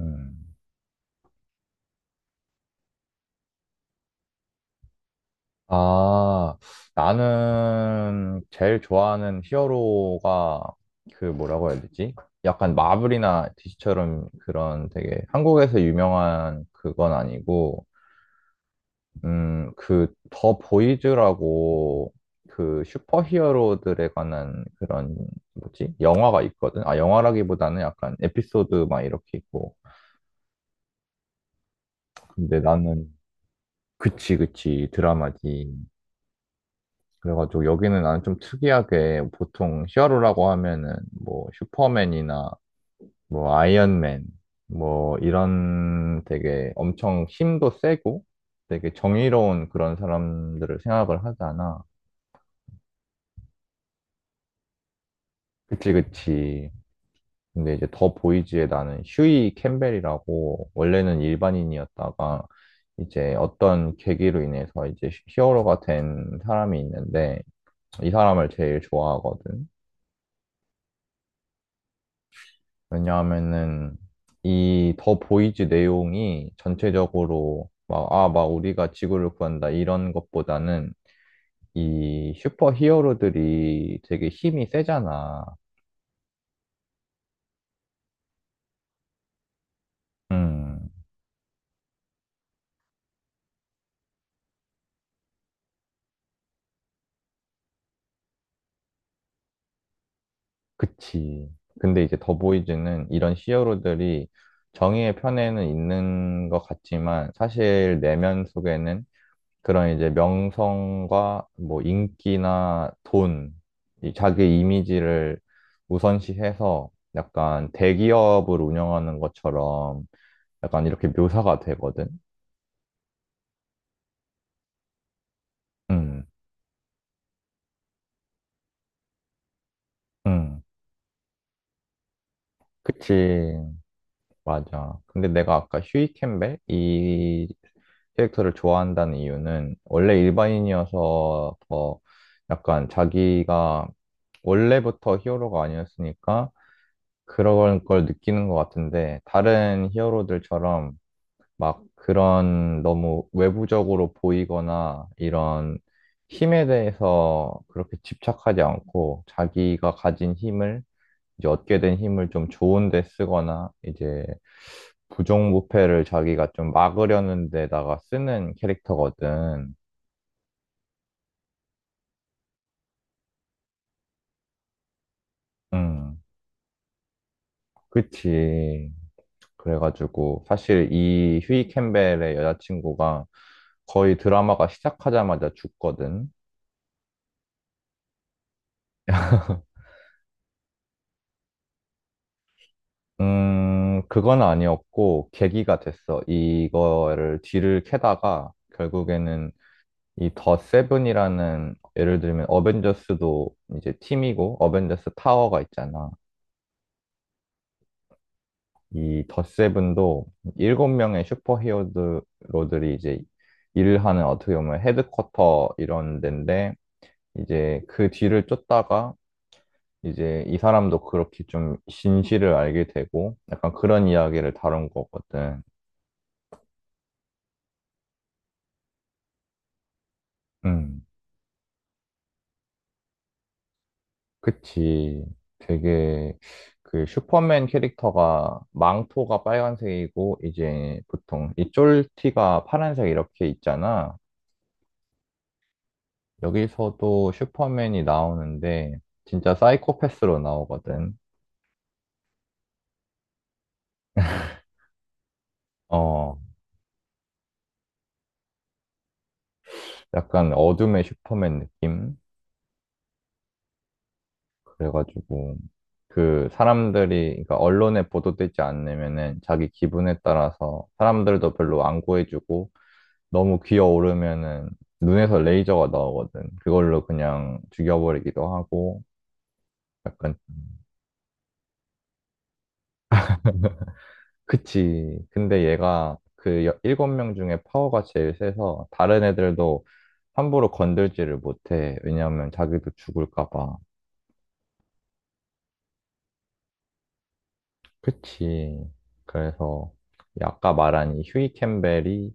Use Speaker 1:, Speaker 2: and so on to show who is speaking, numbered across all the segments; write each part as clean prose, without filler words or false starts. Speaker 1: 음. 아, 나는 제일 좋아하는 히어로가 그 뭐라고 해야 되지? 약간 마블이나 DC처럼 그런 되게 한국에서 유명한 그건 아니고, 그 더 보이즈라고 그 슈퍼 히어로들에 관한 그런 뭐지? 영화가 있거든? 아, 영화라기보다는 약간 에피소드 막 이렇게 있고. 근데 나는 그치, 그치, 드라마지. 그래가지고 여기는 나는 좀 특이하게 보통 히어로라고 하면은 뭐 슈퍼맨이나 뭐 아이언맨 뭐 이런 되게 엄청 힘도 세고 되게 정의로운 그런 사람들을 생각을 하잖아. 그치, 그치. 근데 이제 더 보이지에 나는 휴이 캠벨이라고 원래는 일반인이었다가 이제 어떤 계기로 인해서 이제 히어로가 된 사람이 있는데 이 사람을 제일 좋아하거든. 왜냐하면은 이 더 보이즈 내용이 전체적으로 막, 아, 막 우리가 지구를 구한다 이런 것보다는 이 슈퍼 히어로들이 되게 힘이 세잖아. 음, 그치. 근데 이제 더 보이즈는 이런 히어로들이 정의의 편에는 있는 것 같지만 사실 내면 속에는 그런 이제 명성과 뭐 인기나 돈, 이 자기 이미지를 우선시해서 약간 대기업을 운영하는 것처럼 약간 이렇게 묘사가 되거든. 음, 음. 그치. 맞아. 근데 내가 아까 휴이 캠벨 이 캐릭터를 좋아한다는 이유는 원래 일반인이어서 더 약간 자기가 원래부터 히어로가 아니었으니까 그런 걸 느끼는 것 같은데, 다른 히어로들처럼 막 그런 너무 외부적으로 보이거나 이런 힘에 대해서 그렇게 집착하지 않고 자기가 가진 힘을, 이제 얻게 된 힘을 좀 좋은 데 쓰거나 이제 부정부패를 자기가 좀 막으려는 데다가 쓰는 캐릭터거든. 음, 그치. 그래가지고 사실 이 휴이 캠벨의 여자친구가 거의 드라마가 시작하자마자 죽거든. 그건 아니었고 계기가 됐어. 이거를 뒤를 캐다가 결국에는 이 더 세븐이라는 예를 들면 어벤져스도 이제 팀이고 어벤져스 타워가 있잖아. 이 더 세븐도 일곱 명의 슈퍼히어로들이 이제 일을 하는 어떻게 보면 헤드쿼터 이런 데인데 이제 그 뒤를 쫓다가 이제 이 사람도 그렇게 좀 진실을 알게 되고 약간 그런 이야기를 다룬 거거든. 음, 그치. 되게 그 슈퍼맨 캐릭터가 망토가 빨간색이고 이제 보통 이 쫄티가 파란색 이렇게 있잖아. 여기서도 슈퍼맨이 나오는데 진짜 사이코패스로 나오거든. 어, 약간 어둠의 슈퍼맨 느낌? 그래가지고 그 사람들이 그러니까 언론에 보도되지 않으면은 자기 기분에 따라서 사람들도 별로 안 구해주고 너무 기어오르면은 눈에서 레이저가 나오거든. 그걸로 그냥 죽여버리기도 하고 약간 그치. 근데 얘가 그 일곱 명 중에 파워가 제일 세서 다른 애들도 함부로 건들지를 못해. 왜냐하면 자기도 죽을까 봐. 그치. 그래서 이 아까 말한 이 휴이 캠벨이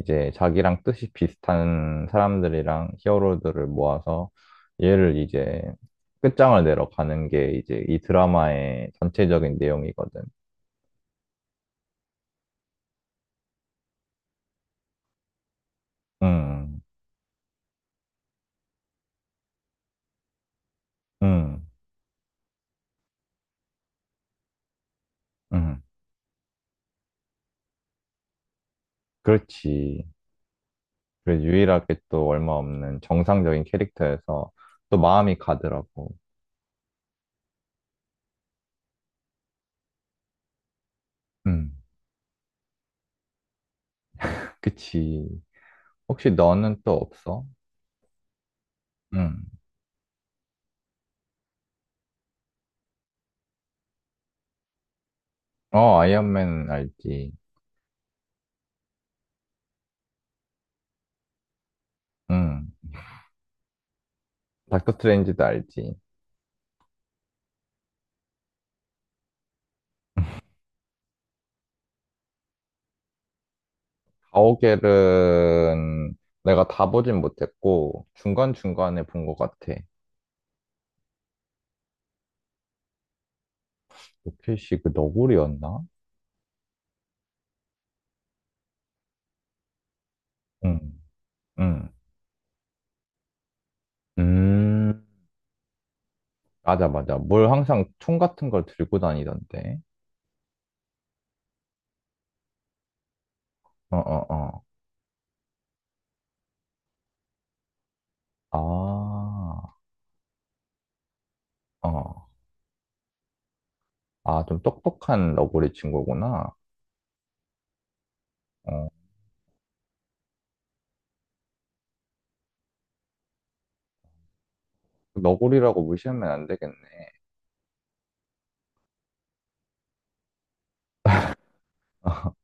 Speaker 1: 이제 자기랑 뜻이 비슷한 사람들이랑 히어로들을 모아서 얘를 이제 끝장을 내러 가는 게 이제 이 드라마의 전체적인 내용이거든. 음, 음, 음, 그렇지. 그래, 유일하게 또 얼마 없는 정상적인 캐릭터여서 또 마음이 가더라고. 음, 그치. 혹시 너는 또 없어? 음. 어, 아이언맨 알지. 음. 닥터 스트레인지도 알지. 가오갤은 내가 다 보진 못했고 중간중간에 본 것 같아. 로켓이 그 너구리였나? 응, 응. 음, 맞아, 맞아. 뭘 항상 총 같은 걸 들고 다니던데. 어, 어, 어. 아, 어. 아, 좀 똑똑한 너구리 친구구나. 어. 너구리라고 무시하면 안 되겠네.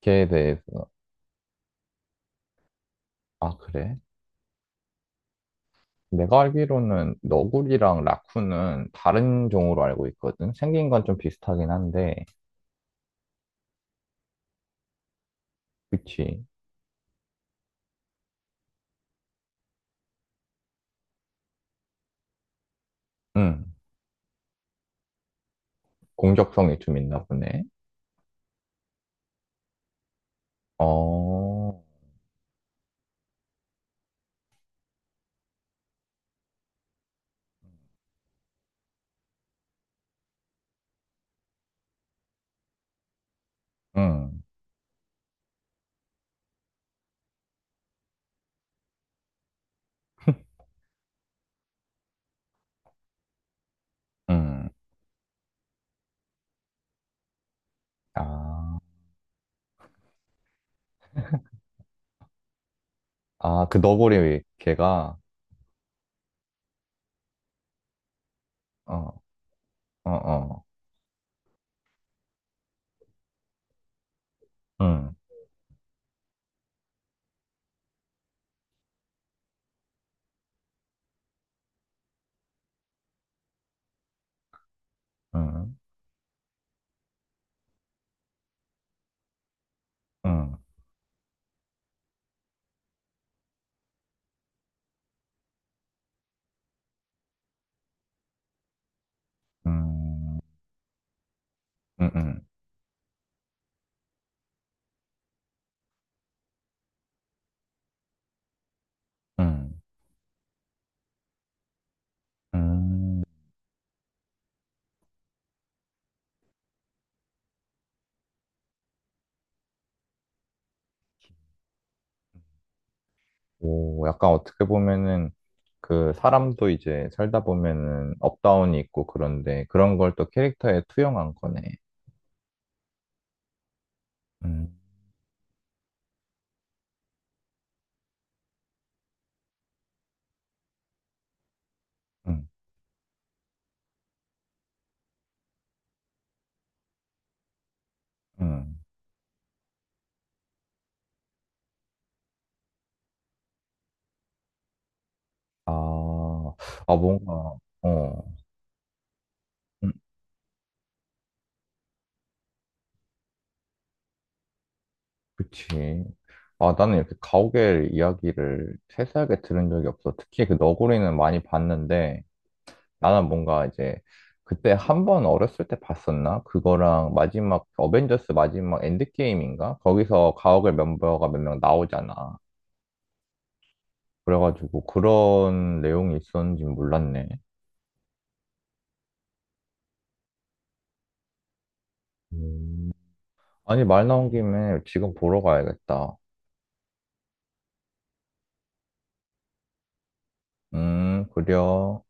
Speaker 1: 걔에 대해서. 아, 그래? 내가 알기로는 너구리랑 라쿤은 다른 종으로 알고 있거든. 생긴 건 좀 비슷하긴 한데. 그치. 응. 공격성이 좀 있나 보네. 어, 응, 응. 아, 아, 그 너구리 개가, 어, 어, 어, 응, 응, 응, 응, 응, 응, 응. 응. 오, 약간 어떻게 보면은 그 사람도 이제 살다 보면은 업다운이 있고 그런데 그런 걸 또 캐릭터에 투영한 거네. 음, 음, 음. 아, 아 뭔가 어, 음. 그치. 아, 나는 이렇게 가오갤 이야기를 세세하게 들은 적이 없어. 특히 그 너구리는 많이 봤는데, 나는 뭔가 이제, 그때 한 번 어렸을 때 봤었나? 그거랑 마지막, 어벤져스 마지막 엔드게임인가? 거기서 가오갤 멤버가 몇 명 나오잖아. 그래가지고 그런 내용이 있었는지 몰랐네. 음. 아니, 말 나온 김에 지금 보러 가야겠다. 그려.